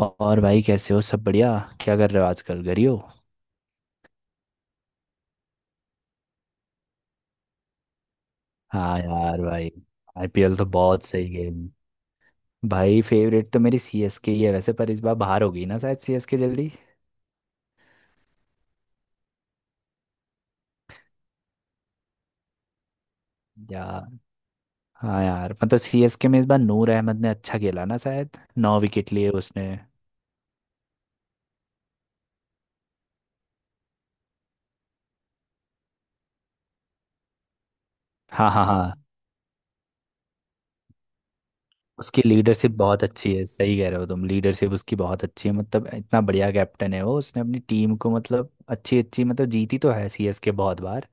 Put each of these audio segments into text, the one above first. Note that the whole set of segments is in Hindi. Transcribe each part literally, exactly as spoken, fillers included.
और भाई कैसे हो। सब बढ़िया। क्या कर रहे हो आजकल, घर ही हो। हाँ यार भाई, आईपीएल तो बहुत सही गेम। भाई फेवरेट तो मेरी सीएसके ही है वैसे, पर इस बार बाहर हो गई ना शायद सीएसके जल्दी। या हाँ यार मतलब सीएसके में इस बार नूर अहमद ने अच्छा खेला ना शायद, नौ विकेट लिए उसने। हाँ हाँ हाँ। उसकी लीडरशिप बहुत अच्छी है, सही कह रहे हो तुम, लीडरशिप उसकी बहुत अच्छी है, मतलब इतना बढ़िया कैप्टन है वो, उसने अपनी टीम को मतलब अच्छी अच्छी मतलब, जीती तो है सीएसके बहुत बार।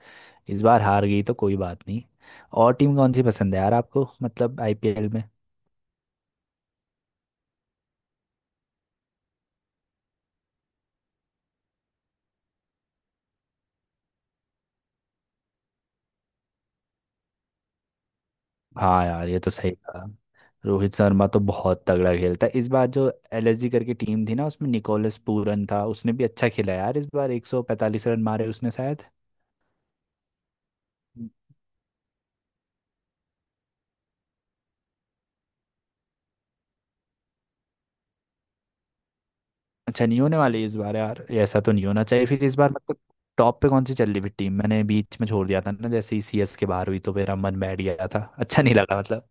इस बार हार गई तो कोई बात नहीं। और टीम कौन सी पसंद है यार आपको मतलब आईपीएल में। हाँ यार ये तो सही कहा, रोहित शर्मा तो बहुत तगड़ा खेलता है। इस बार जो एलएसजी करके टीम थी ना, उसमें निकोलस पूरन था, उसने भी अच्छा खेला यार इस बार, एक सौ पैंतालीस रन मारे उसने शायद। अच्छा नहीं होने वाली इस बार यार, ये ऐसा तो नहीं होना चाहिए फिर इस बार मतलब। टॉप पे कौन सी चल रही फिर टीम, मैंने बीच में छोड़ दिया था ना, जैसे ही सीएस के बाहर हुई तो मेरा मन बैठ गया था, अच्छा नहीं लगा मतलब।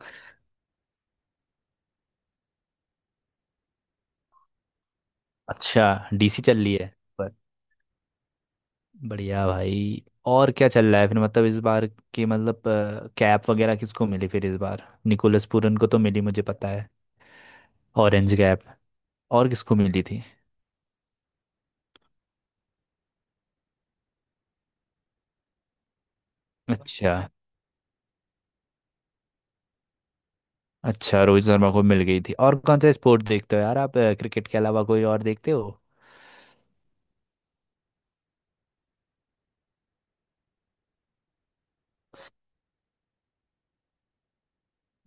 अच्छा डीसी चल रही है। बढ़िया भाई। और क्या चल रहा है फिर मतलब इस बार की मतलब कैप वगैरह किसको मिली, फिर इस बार निकोलस पूरन को तो मिली मुझे पता है, ऑरेंज कैप और किसको मिली थी। अच्छा, अच्छा रोहित शर्मा को मिल गई थी। और कौन सा स्पोर्ट देखते हो यार आप, अ, क्रिकेट के अलावा कोई और देखते हो।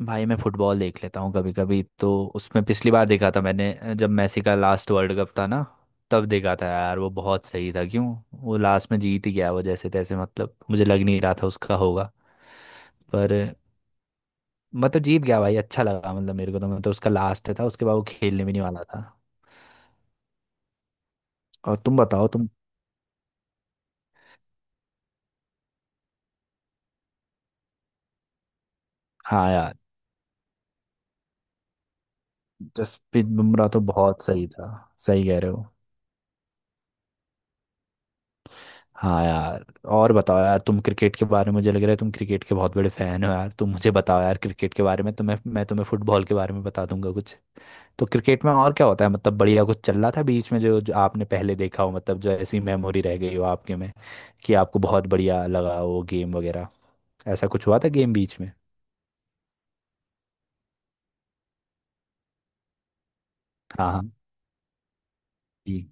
भाई मैं फुटबॉल देख लेता हूँ कभी कभी तो। उसमें पिछली बार देखा था मैंने, जब मेसी का लास्ट वर्ल्ड कप था ना, तब देखा था यार, वो बहुत सही था क्यों, वो लास्ट में जीत ही गया वो जैसे तैसे, मतलब मुझे लग नहीं रहा था उसका होगा, पर मतलब जीत गया भाई, अच्छा लगा मतलब मेरे को, तो मतलब उसका लास्ट था, उसके बाद वो खेलने भी नहीं वाला था। और तुम बताओ तुम। हाँ यार जसप्रीत बुमराह तो बहुत सही था, सही कह रहे हो। हाँ यार। और बताओ यार तुम, क्रिकेट के बारे में मुझे लग रहा है तुम क्रिकेट के बहुत बड़े फैन हो यार, तुम मुझे बताओ यार क्रिकेट के बारे में, तुम्हें मैं तुम्हें फुटबॉल के बारे में बता दूंगा कुछ। तो क्रिकेट में और क्या होता है, मतलब बढ़िया कुछ चल रहा था बीच में जो, जो आपने पहले देखा हो, मतलब जो ऐसी मेमोरी रह गई हो आपके में कि आपको बहुत बढ़िया लगा वो गेम वगैरह, ऐसा कुछ हुआ था गेम बीच में। हाँ हाँ जी।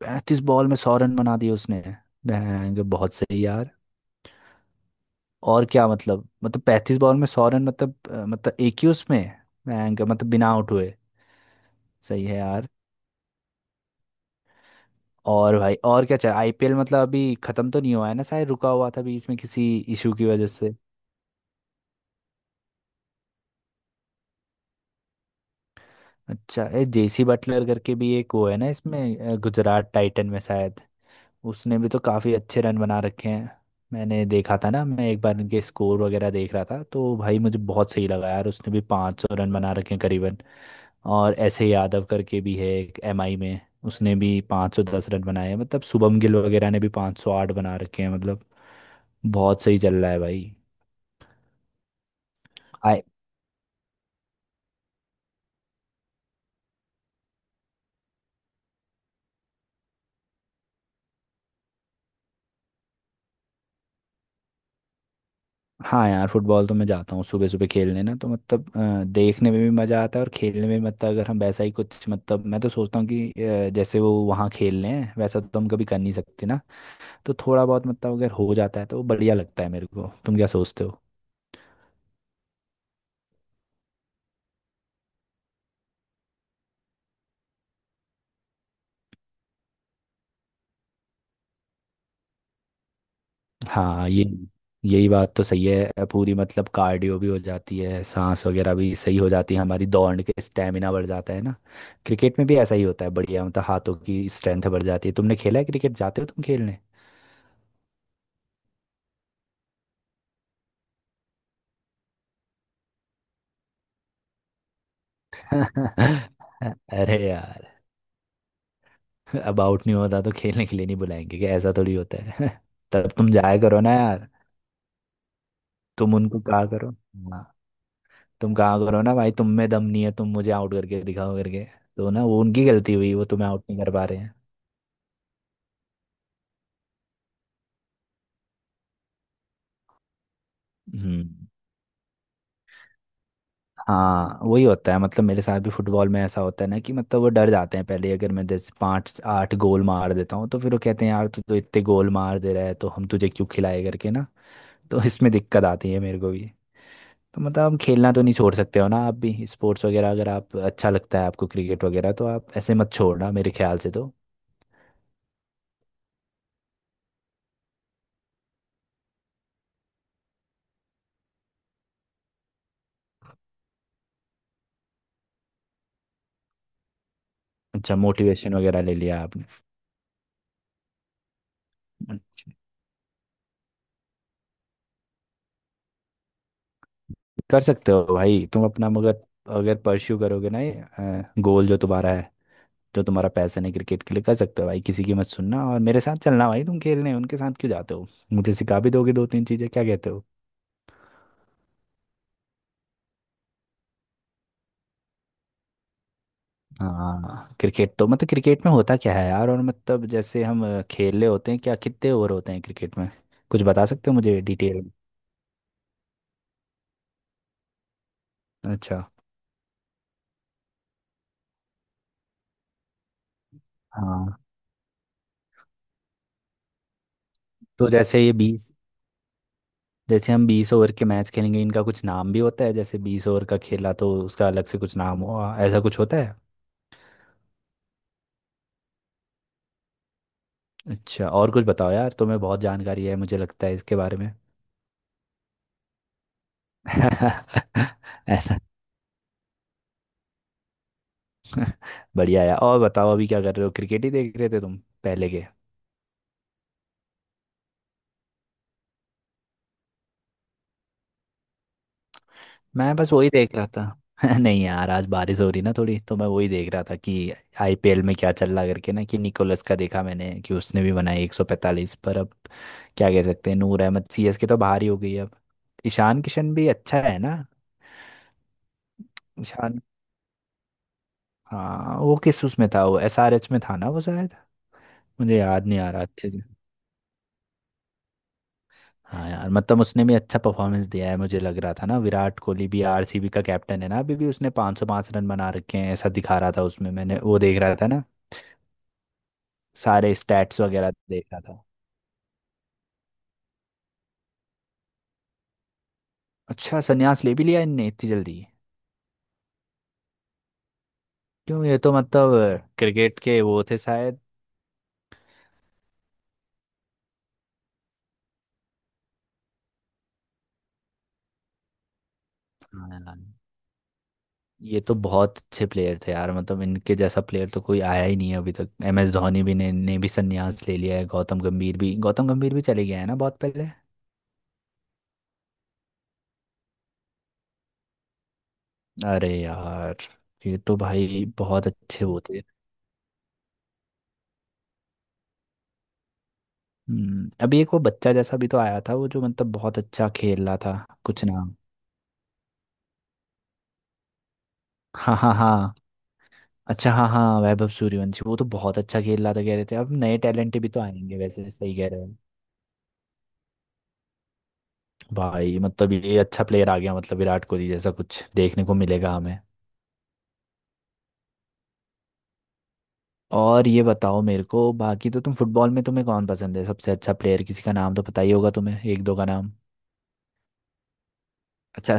पैंतीस बॉल में सौ रन बना दिए उसने, बैंग बहुत सही यार। और क्या मतलब मतलब पैंतीस बॉल में सौ रन मतलब अ, मतलब एक ही उसमें, मैं क्या- मतलब बिना आउट हुए। सही है यार। और भाई और क्या चाहिए, आईपीएल मतलब अभी खत्म तो नहीं हुआ है ना शायद, रुका हुआ था बीच में किसी इशू की वजह से। अच्छा ए जेसी बटलर करके भी एक वो है ना इसमें, अ, गुजरात टाइटन में शायद, उसने भी तो काफी अच्छे रन बना रखे हैं, मैंने देखा था ना, मैं एक बार उनके स्कोर वगैरह देख रहा था, तो भाई मुझे बहुत सही लगा यार, उसने भी पाँच सौ रन बना रखे हैं करीबन। और ऐसे यादव करके भी है एक एमआई में, उसने भी पाँच सौ दस रन बनाए हैं मतलब, शुभम गिल वगैरह ने भी पाँच सौ आठ बना रखे हैं मतलब, बहुत सही चल रहा है भाई। आई हाँ यार फुटबॉल तो मैं जाता हूँ सुबह सुबह खेलने ना, तो मतलब अ, देखने में भी मज़ा आता है और खेलने में, मतलब अगर हम वैसा ही कुछ मतलब, मैं तो सोचता हूँ कि अ, जैसे वो वहाँ खेल रहे हैं वैसा तो हम कभी कर नहीं सकते ना, तो थोड़ा बहुत मतलब अगर हो जाता है तो बढ़िया लगता है मेरे को, तुम क्या सोचते हो। हाँ ये यही बात तो सही है पूरी, मतलब कार्डियो भी हो जाती है, सांस वगैरह भी सही हो जाती है हमारी, दौड़ के स्टेमिना बढ़ जाता है ना। क्रिकेट में भी ऐसा ही होता है बढ़िया, मतलब हाथों की स्ट्रेंथ बढ़ जाती है। तुमने खेला है क्रिकेट, जाते हो तुम खेलने। अरे यार, अब आउट नहीं होता तो खेलने के लिए नहीं बुलाएंगे क्या, ऐसा थोड़ी होता है। तब तुम जाया करो ना यार, तुम उनको कहा करो। हाँ तुम कहा करो ना भाई, तुम में दम नहीं है, तुम मुझे आउट करके दिखाओ करके, तो ना वो उनकी गलती हुई वो तुम्हें आउट नहीं कर पा रहे हैं। हम्म। हाँ वही होता है, मतलब मेरे साथ भी फुटबॉल में ऐसा होता है ना, कि मतलब वो डर जाते हैं पहले ही। अगर मैं जैसे पाँच आठ गोल मार देता हूँ तो फिर वो कहते हैं, यार तू तो इतने गोल मार दे रहा है तो हम तुझे क्यों खिलाए करके ना, तो इसमें दिक्कत आती है मेरे को भी। तो मतलब हम खेलना तो नहीं छोड़ सकते हो ना, आप भी स्पोर्ट्स वगैरह अगर आप, अच्छा लगता है आपको क्रिकेट वगैरह तो आप ऐसे मत छोड़ना मेरे ख्याल से तो। अच्छा मोटिवेशन वगैरह ले लिया आपने। कर सकते हो भाई तुम अपना, मगर अगर परस्यू करोगे ना ये गोल जो तुम्हारा है, जो तुम्हारा पैसन है क्रिकेट के लिए, कर सकते हो भाई, किसी की मत सुनना और मेरे साथ चलना भाई, तुम खेलने उनके साथ क्यों जाते हो, मुझे सिखा भी दोगे दो तीन चीजें, क्या कहते हो। हाँ क्रिकेट तो मतलब, क्रिकेट में होता क्या है यार, और मतलब जैसे हम अ, खेल रहे होते हैं क्या, कितने ओवर होते हैं क्रिकेट में, कुछ बता सकते हो मुझे डिटेल में। अच्छा। हाँ। तो जैसे ये बीस, जैसे हम बीस ओवर के मैच खेलेंगे, इनका कुछ नाम भी होता है, जैसे बीस ओवर का खेला तो उसका अलग से कुछ नाम हुआ, ऐसा कुछ होता है। अच्छा और कुछ बताओ यार, तुम्हें बहुत जानकारी है मुझे लगता है इसके बारे में। ऐसा, बढ़िया है। और बताओ अभी क्या कर रहे हो, क्रिकेट ही देख रहे थे तुम पहले के। मैं बस वही देख रहा था। नहीं यार, आज बारिश हो रही ना थोड़ी तो मैं वही देख रहा था कि आईपीएल में क्या चल रहा करके ना, कि निकोलस का देखा मैंने कि उसने भी बनाई एक सौ पैंतालीस, पर अब क्या कह सकते हैं, नूर अहमद, सीएसके तो बाहर ही हो गई है अब। ईशान किशन भी अच्छा है ना, ईशान हाँ वो किस उसमें था, वो एसआरएच में था ना वो शायद, मुझे याद नहीं आ रहा अच्छे से। हाँ यार मतलब उसने भी अच्छा परफॉर्मेंस दिया है, मुझे लग रहा था ना विराट कोहली भी आरसीबी का कैप्टन है ना अभी भी, उसने पाँच सौ पाँच रन बना रखे हैं ऐसा दिखा रहा था उसमें मैंने, वो देख रहा था ना सारे स्टैट्स वगैरह देख रहा था। अच्छा संन्यास ले भी लिया इनने इतनी जल्दी, क्यों, ये तो मतलब क्रिकेट के वो थे शायद। हाँ यार ये तो बहुत अच्छे प्लेयर थे यार, मतलब इनके जैसा प्लेयर तो कोई आया ही नहीं है अभी तक, एम एस धोनी भी ने, ने भी संन्यास ले लिया है, गौतम गंभीर भी, गौतम गंभीर भी चले गया है ना बहुत पहले। अरे यार, ये तो भाई बहुत अच्छे वो थे। हम्म, अभी एक वो बच्चा जैसा भी तो आया था, वो जो मतलब बहुत अच्छा खेल रहा था, कुछ नाम। हाँ हाँ हाँ, अच्छा हाँ हाँ वैभव सूर्यवंशी, वो तो बहुत अच्छा खेल रहा था, कह रहे थे अब नए टैलेंट भी तो आएंगे वैसे, सही कह रहे हो भाई। मतलब ये अच्छा प्लेयर आ गया, मतलब विराट कोहली जैसा कुछ देखने को मिलेगा हमें। और ये बताओ मेरे को बाकी, तो तुम फुटबॉल में तुम्हें कौन पसंद है सबसे अच्छा प्लेयर, किसी का नाम तो पता ही होगा तुम्हें, एक दो का नाम। अच्छा,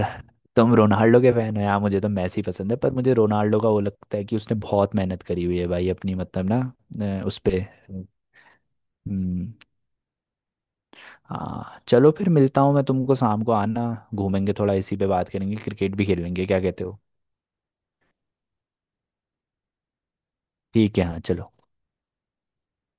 तुम रोनाल्डो के फैन हो यार, मुझे तो मैसी पसंद है, पर मुझे रोनाल्डो का वो लगता है कि उसने बहुत मेहनत करी हुई है भाई अपनी मतलब ना, अ, उस पे। हम्म, हाँ चलो फिर मिलता हूँ मैं तुमको, शाम को आना, घूमेंगे थोड़ा, इसी पे बात करेंगे, क्रिकेट भी खेलेंगे, क्या कहते हो। ठीक है, हाँ चलो।